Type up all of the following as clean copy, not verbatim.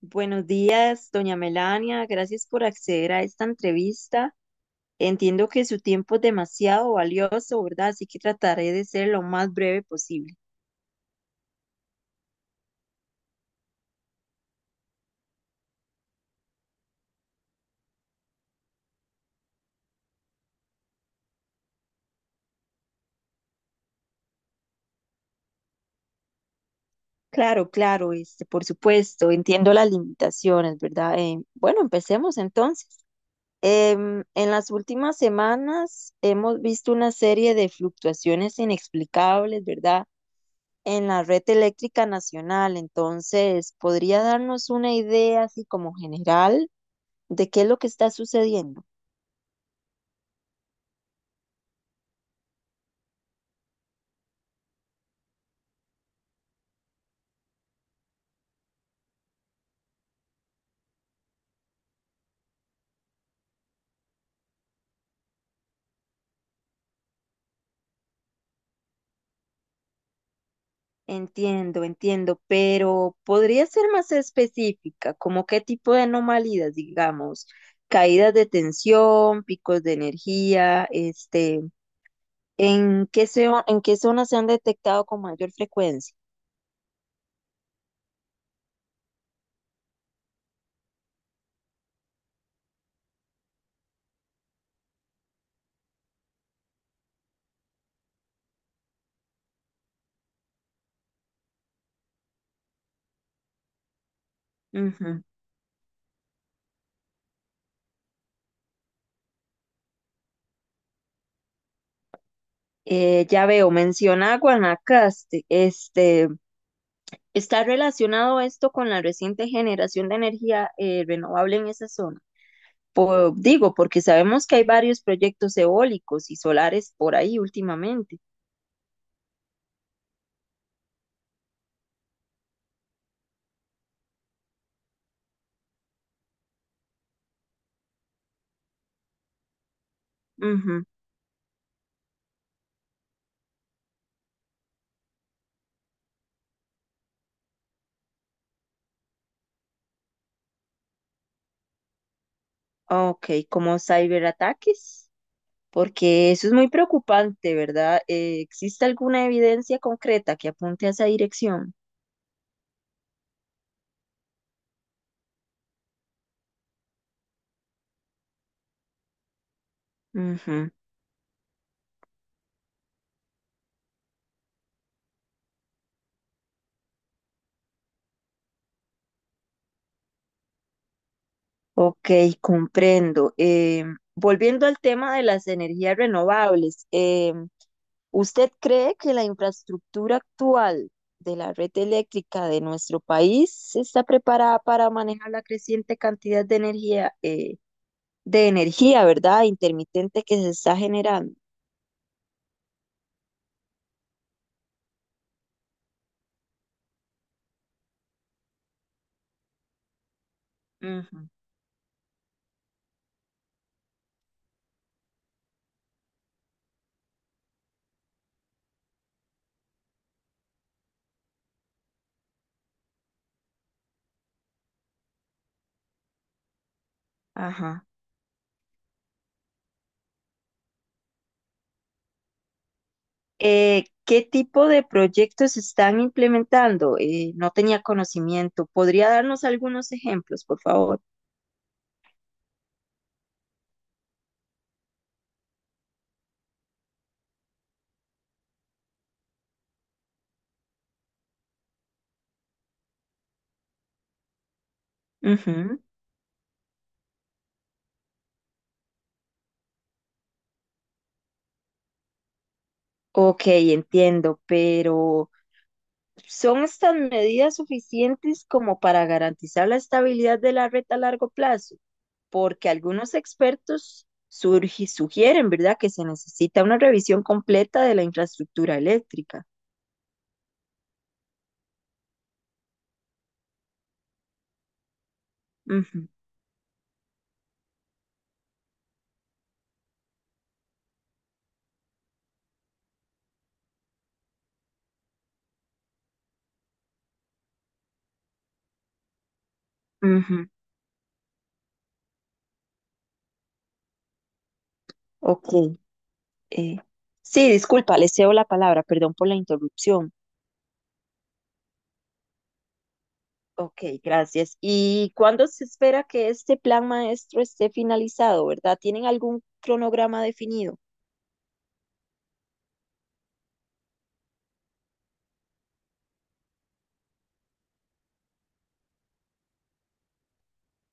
Buenos días, doña Melania. Gracias por acceder a esta entrevista. Entiendo que su tiempo es demasiado valioso, ¿verdad? Así que trataré de ser lo más breve posible. Claro, claro, este, por supuesto, entiendo las limitaciones, ¿verdad? Bueno, empecemos entonces. En las últimas semanas hemos visto una serie de fluctuaciones inexplicables, ¿verdad? En la red eléctrica nacional. Entonces, ¿podría darnos una idea así como general de qué es lo que está sucediendo? Entiendo, entiendo, pero ¿podría ser más específica? ¿Como qué tipo de anomalías, digamos? Caídas de tensión, picos de energía, este, ¿en qué zona, en qué zonas se han detectado con mayor frecuencia? Ujú. Ya veo, menciona a Guanacaste. Este, ¿está relacionado esto con la reciente generación de energía renovable en esa zona? Digo, porque sabemos que hay varios proyectos eólicos y solares por ahí últimamente. Ujú. Ok, como ciberataques, porque eso es muy preocupante, ¿verdad? ¿Existe alguna evidencia concreta que apunte a esa dirección? Ujú. Ok, comprendo. Volviendo al tema de las energías renovables, ¿usted cree que la infraestructura actual de la red eléctrica de nuestro país está preparada para manejar la creciente cantidad de energía, de energía, ¿verdad?, intermitente que se está generando? Ujú, ajá. ¿Qué tipo de proyectos se están implementando? No tenía conocimiento. ¿Podría darnos algunos ejemplos, por favor? Ujú. Ok, entiendo, pero ¿son estas medidas suficientes como para garantizar la estabilidad de la red a largo plazo? Porque algunos expertos sugieren, ¿verdad?, que se necesita una revisión completa de la infraestructura eléctrica. Ujú, ujú, ok. eh, sí, disculpa, le cedo la palabra, perdón por la interrupción. Ok, gracias. ¿Y cuándo se espera que este plan maestro esté finalizado, verdad? ¿Tienen algún cronograma definido?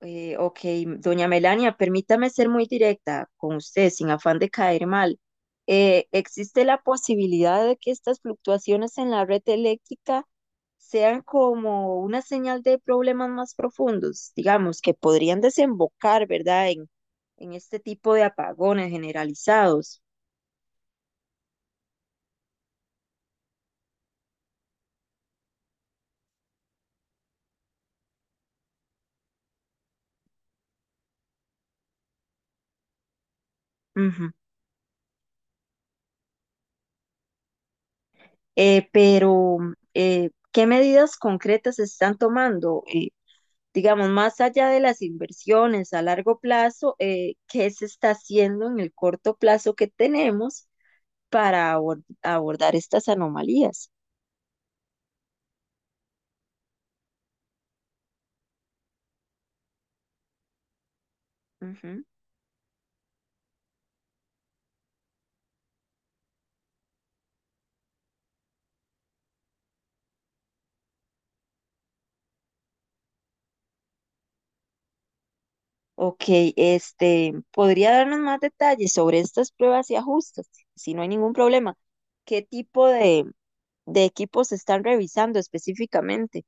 Ok, doña Melania, permítame ser muy directa con usted, sin afán de caer mal. ¿Existe la posibilidad de que estas fluctuaciones en la red eléctrica sean como una señal de problemas más profundos, digamos, que podrían desembocar, ¿verdad?, en este tipo de apagones generalizados? Ujú. Pero, ¿qué medidas concretas se están tomando? Digamos, más allá de las inversiones a largo plazo, ¿qué se está haciendo en el corto plazo que tenemos para abordar estas anomalías? Ujú. Ok, este, ¿podría darnos más detalles sobre estas pruebas y ajustes? Si no hay ningún problema, ¿qué tipo de equipos se están revisando específicamente?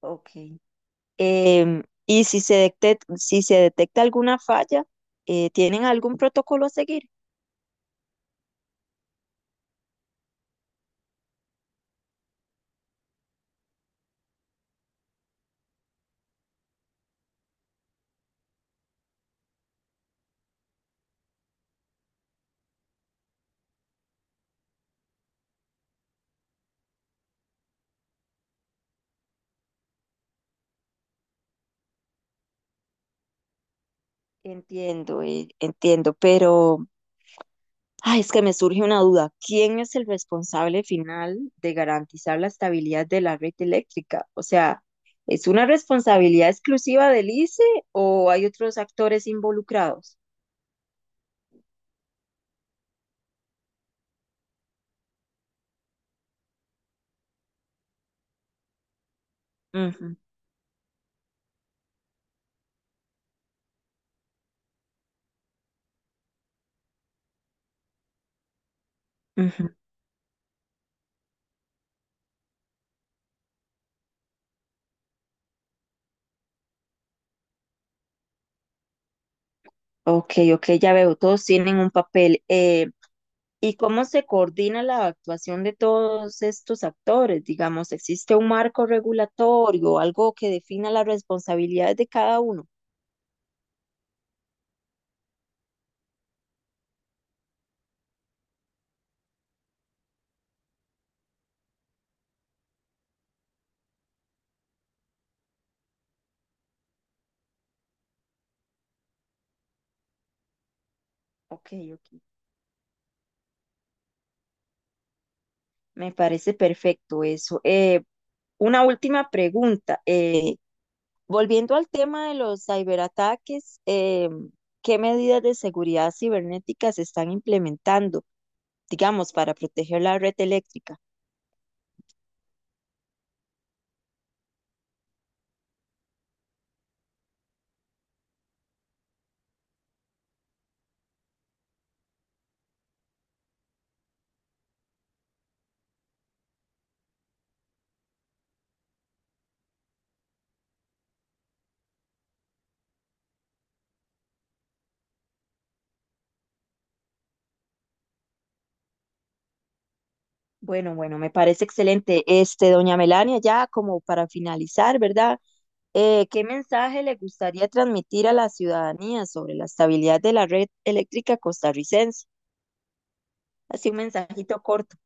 Ok. Em, y si se si se detecta alguna falla, ¿tienen algún protocolo a seguir? Entiendo, entiendo, pero ay, es que me surge una duda. ¿Quién es el responsable final de garantizar la estabilidad de la red eléctrica? O sea, ¿es una responsabilidad exclusiva del ICE o hay otros actores involucrados? Ujú, ujú. Ok, ok, ya veo, todos tienen un papel. ¿Y cómo se coordina la actuación de todos estos actores? Digamos, ¿existe un marco regulatorio, algo que defina las responsabilidades de cada uno? Ok, ok. Me parece perfecto eso. Una última pregunta. Volviendo al tema de los ciberataques, ¿qué medidas de seguridad cibernética se están implementando, digamos, para proteger la red eléctrica? Bueno, bueno, me parece excelente. Este, doña Melania, ya como para finalizar, ¿verdad? ¿Qué mensaje le gustaría transmitir a la ciudadanía sobre la estabilidad de la red eléctrica costarricense? Así un mensajito corto.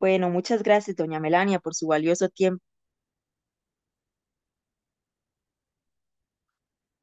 Bueno, muchas gracias, doña Melania, por su valioso tiempo.